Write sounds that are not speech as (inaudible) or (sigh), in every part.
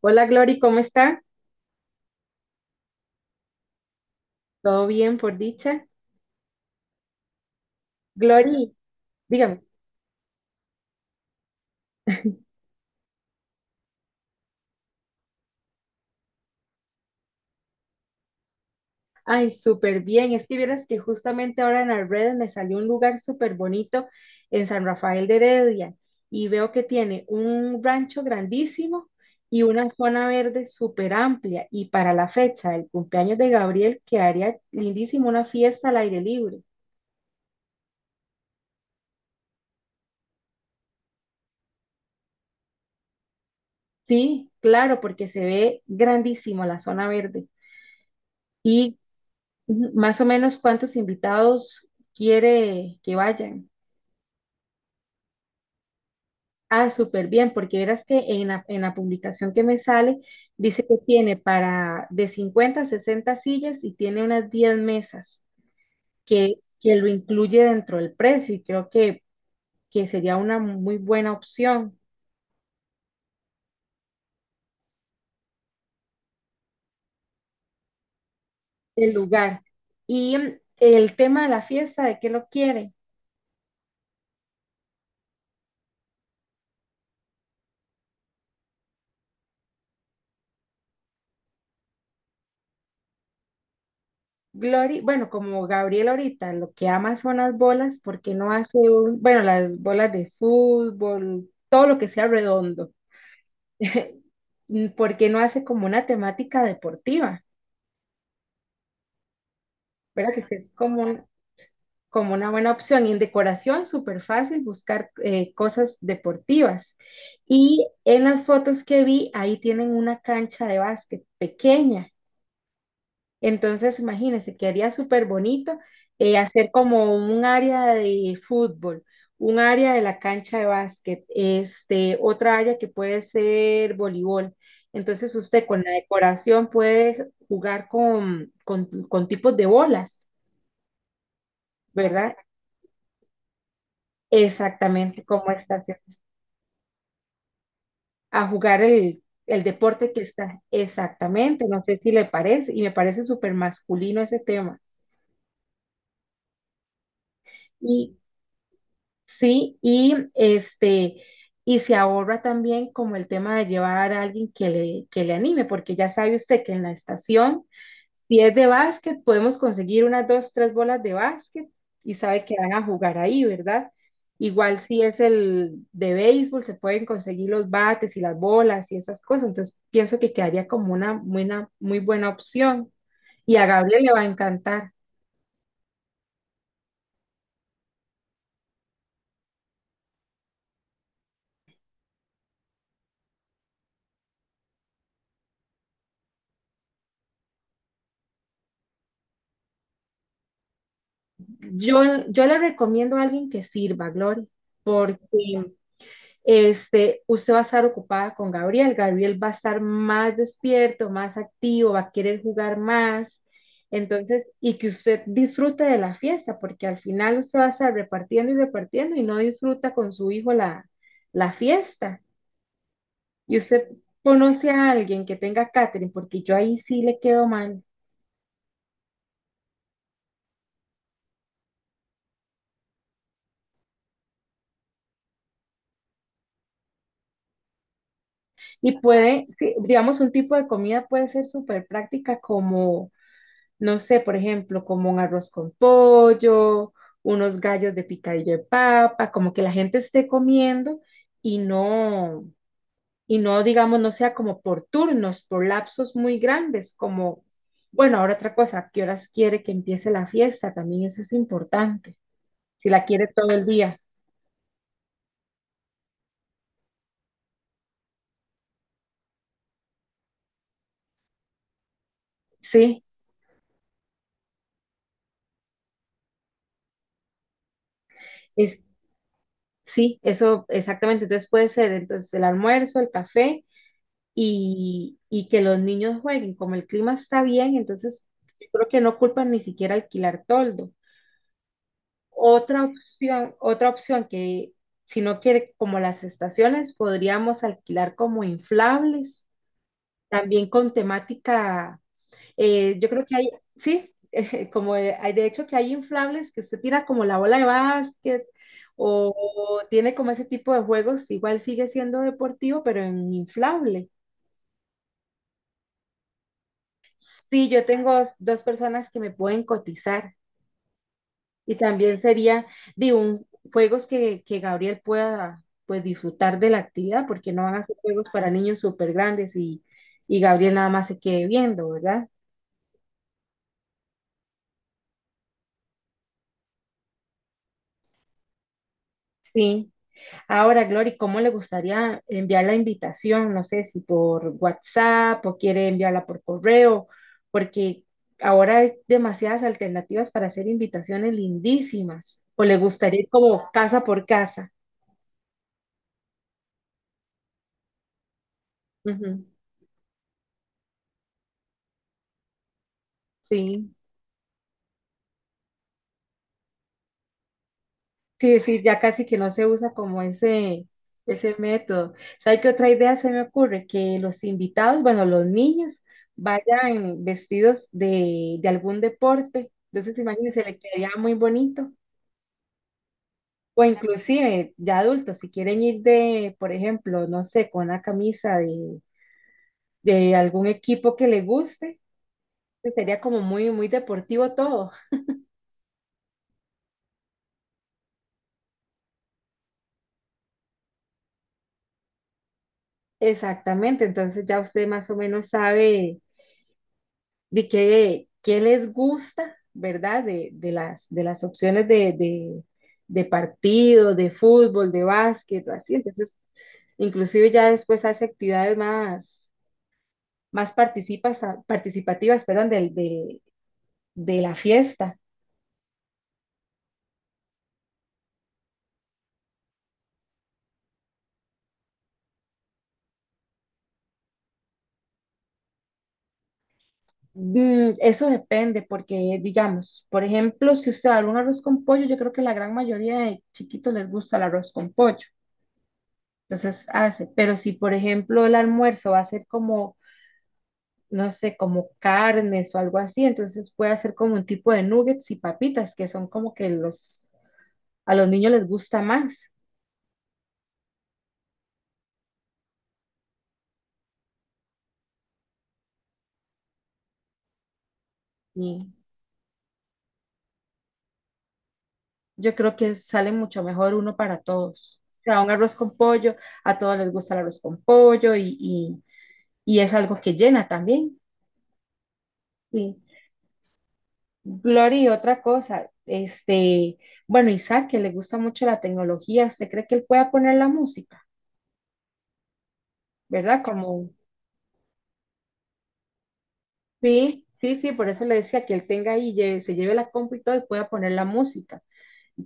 Hola Glory, ¿cómo está? ¿Todo bien por dicha? Glory, dígame. Ay, súper bien. Es que vieras que justamente ahora en las redes me salió un lugar súper bonito en San Rafael de Heredia y veo que tiene un rancho grandísimo y una zona verde súper amplia y para la fecha del cumpleaños de Gabriel quedaría lindísimo una fiesta al aire libre. Sí, claro, porque se ve grandísimo la zona verde. y Ujú, más o menos cuántos invitados quiere que vayan. Ah, súper bien, porque verás que en la publicación que me sale dice que tiene para de 50 a 60 sillas y tiene unas 10 mesas que, que lo incluye dentro del precio y creo que sería una muy buena opción el lugar. Y el tema de la fiesta, ¿de qué lo quiere? Glory, bueno, como Gabriel ahorita, lo que ama son las bolas, porque no hace bueno, las bolas de fútbol, todo lo que sea redondo, (laughs) porque no hace como una temática deportiva, ¿verdad? Que es como una buena opción. Y en decoración, súper fácil buscar cosas deportivas. Y en las fotos que vi, ahí tienen una cancha de básquet pequeña. Entonces, imagínense, quedaría súper bonito, hacer como un área de fútbol, un área de la cancha de básquet, este, otra área que puede ser voleibol. Entonces, usted con la decoración puede jugar con tipos de bolas, ¿verdad? Exactamente como está, a jugar el deporte que está. Exactamente, no sé si le parece, y me parece súper masculino ese tema. Sí, y este, y se ahorra también como el tema de llevar a alguien que le anime, porque ya sabe usted que en la estación, si es de básquet, podemos conseguir unas dos, tres bolas de básquet y sabe que van a jugar ahí, ¿verdad? Igual si es el de béisbol, se pueden conseguir los bates y las bolas y esas cosas. Entonces, pienso que quedaría como una muy buena opción. Y a Gabriel le va a encantar. Yo, yo le recomiendo a alguien que sirva, Gloria, porque este, usted va a estar ocupada con Gabriel, Gabriel va a estar más despierto, más activo, va a querer jugar más, entonces, y que usted disfrute de la fiesta, porque al final usted va a estar repartiendo y repartiendo y no disfruta con su hijo la fiesta. Y usted conoce a alguien que tenga catering, porque yo ahí sí le quedo mal. Y puede, sí, digamos, un tipo de comida puede ser súper práctica, como no sé, por ejemplo, como un arroz con pollo, unos gallos de picadillo de papa, como que la gente esté comiendo y no, y no, digamos, no sea como por turnos, por lapsos muy grandes, como, bueno, ahora otra cosa, ¿a qué horas quiere que empiece la fiesta? También eso es importante, si la quiere todo el día, ¿sí? Es, sí, eso exactamente, entonces puede ser entonces el almuerzo, el café y que los niños jueguen. Como el clima está bien, entonces yo creo que no culpan ni siquiera alquilar toldo. Otra opción que si no quiere, como las estaciones, podríamos alquilar como inflables, también con temática, yo creo que hay, sí, (laughs) hay, de hecho que hay inflables que usted tira como la bola de básquet o, o tiene como ese tipo de juegos, igual sigue siendo deportivo, pero en inflable. Sí, yo tengo dos personas que me pueden cotizar y también sería de un juegos que Gabriel pueda pues disfrutar de la actividad porque no van a ser juegos para niños súper grandes y Gabriel nada más se quede viendo, ¿verdad? Sí. Ahora, Glory, ¿cómo le gustaría enviar la invitación? No sé si por WhatsApp o quiere enviarla por correo, porque ahora hay demasiadas alternativas para hacer invitaciones lindísimas. ¿O le gustaría ir como casa por casa? Ujú. Sí, sí, sí, ya casi que no se usa como ese método. ¿Sabe qué otra idea se me ocurre? Que los invitados, bueno, los niños, vayan vestidos de algún deporte. Entonces, imagínense, le quedaría muy bonito. O inclusive, ya adultos, si quieren ir de, por ejemplo, no sé, con una camisa de algún equipo que le guste, pues sería como muy, muy deportivo todo. Exactamente, entonces ya usted más o menos sabe qué les gusta, ¿verdad? De las opciones de partido, de fútbol, de básquet, o así. Entonces, inclusive ya después hace actividades más participativas, perdón, de la fiesta. Mm, eso depende, porque digamos, por ejemplo, si usted da un arroz con pollo, yo creo que la gran mayoría de chiquitos les gusta el arroz con pollo, entonces hace, pero si por ejemplo el almuerzo va a ser como no sé, como carnes o algo así. Entonces puede hacer como un tipo de nuggets y papitas, que son como que a los niños les gusta más. Y yo creo que sale mucho mejor uno para todos. O sea, un arroz con pollo, a todos les gusta el arroz con pollo y es algo que llena también. Sí. Glory, otra cosa, este, bueno, Isaac, que le gusta mucho la tecnología, ¿usted cree que él pueda poner la música, ¿verdad? Como. Sí, sí, sí, por eso le decía que él tenga ahí, se lleve la compu y todo y pueda poner la música.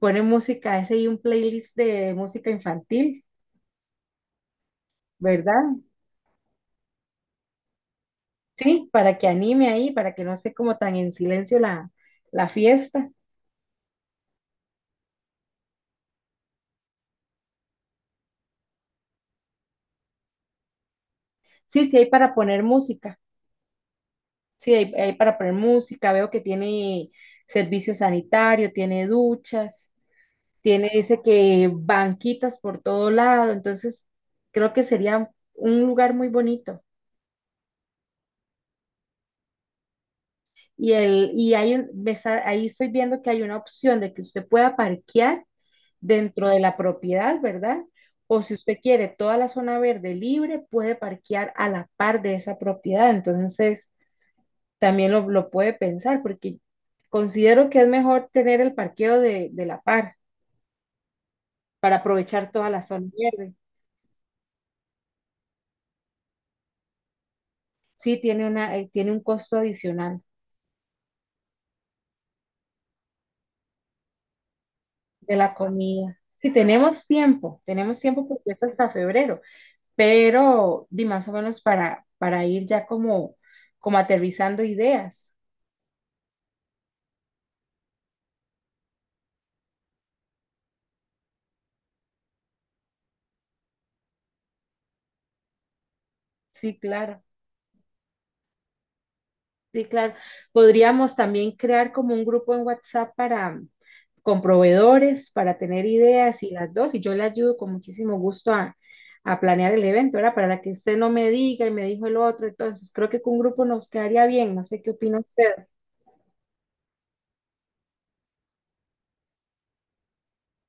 Pone música, ese y un playlist de música infantil, ¿verdad? Sí, para que anime ahí, para que no esté como tan en silencio la fiesta. Sí, sí, hay para poner música. Sí, hay para poner música. Veo que tiene servicio sanitario, tiene duchas, dice que banquitas por todo lado. Entonces, creo que sería un lugar muy bonito. Y, el, y hay un, me está- Ahí estoy viendo que hay una opción de que usted pueda parquear dentro de la propiedad, ¿verdad? O si usted quiere toda la zona verde libre, puede parquear a la par de esa propiedad. Entonces, también lo puede pensar porque considero que es mejor tener el parqueo de la par para aprovechar toda la zona verde. Sí, tiene un costo adicional de la comida. Si tenemos tiempo, tenemos tiempo porque es hasta febrero. Pero di más o menos para ir ya como, aterrizando ideas. Sí, claro, sí, claro. Podríamos también crear como un grupo en WhatsApp con proveedores, para tener ideas y las dos, y yo le ayudo con muchísimo gusto a planear el evento, ¿verdad? Para que usted no me diga y me dijo el otro, entonces creo que con un grupo nos quedaría bien, no sé qué opina usted,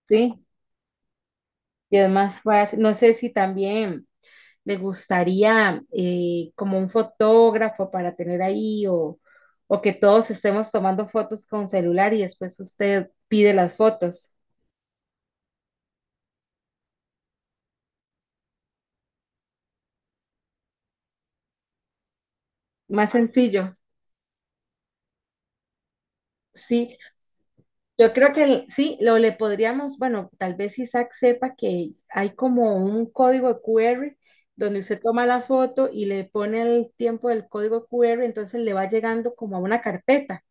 ¿sí? Y además, pues, no sé si también le gustaría, como un fotógrafo para tener ahí, o que todos estemos tomando fotos con celular y después usted pide las fotos. Más sencillo, sí. Yo creo que sí, lo le podríamos, bueno, tal vez Isaac sepa que hay como un código de QR donde usted toma la foto y le pone el tiempo del código QR, entonces le va llegando como a una carpeta.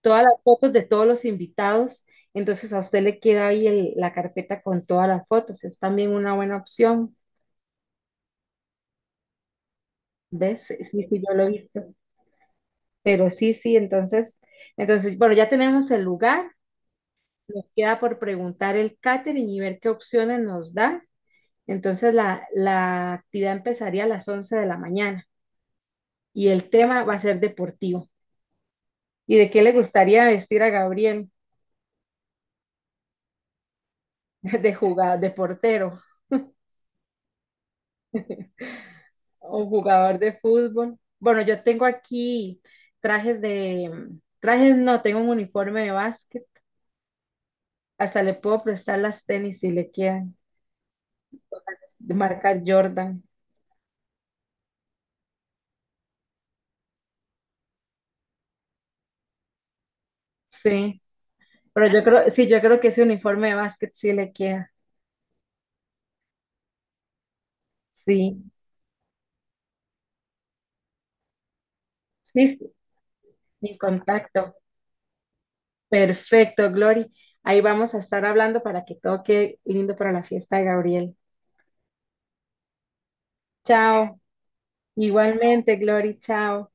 Todas las fotos de todos los invitados. Entonces a usted le queda ahí la carpeta con todas las fotos. Es también una buena opción. ¿Ves? Sí, sí, sí, yo lo he visto. Pero sí, sí, entonces, bueno, ya tenemos el lugar. Nos queda por preguntar el catering y ver qué opciones nos da. Entonces la actividad empezaría a las 11 de la mañana y el tema va a ser deportivo. ¿Y de qué le gustaría vestir a Gabriel? (laughs) De jugador, de portero. Un jugador de fútbol. Bueno, yo tengo aquí trajes de... Trajes no, tengo un uniforme de básquet. Hasta le puedo prestar las tenis si le quedan. De marca Jordan. Sí. Pero yo creo, sí, yo creo que ese uniforme de básquet sí le queda. Sí. Sí, sí, sin contacto. Perfecto, Glory. Ahí vamos a estar hablando para que todo quede lindo para la fiesta de Gabriel. Chao. Igualmente, Glory. Chao.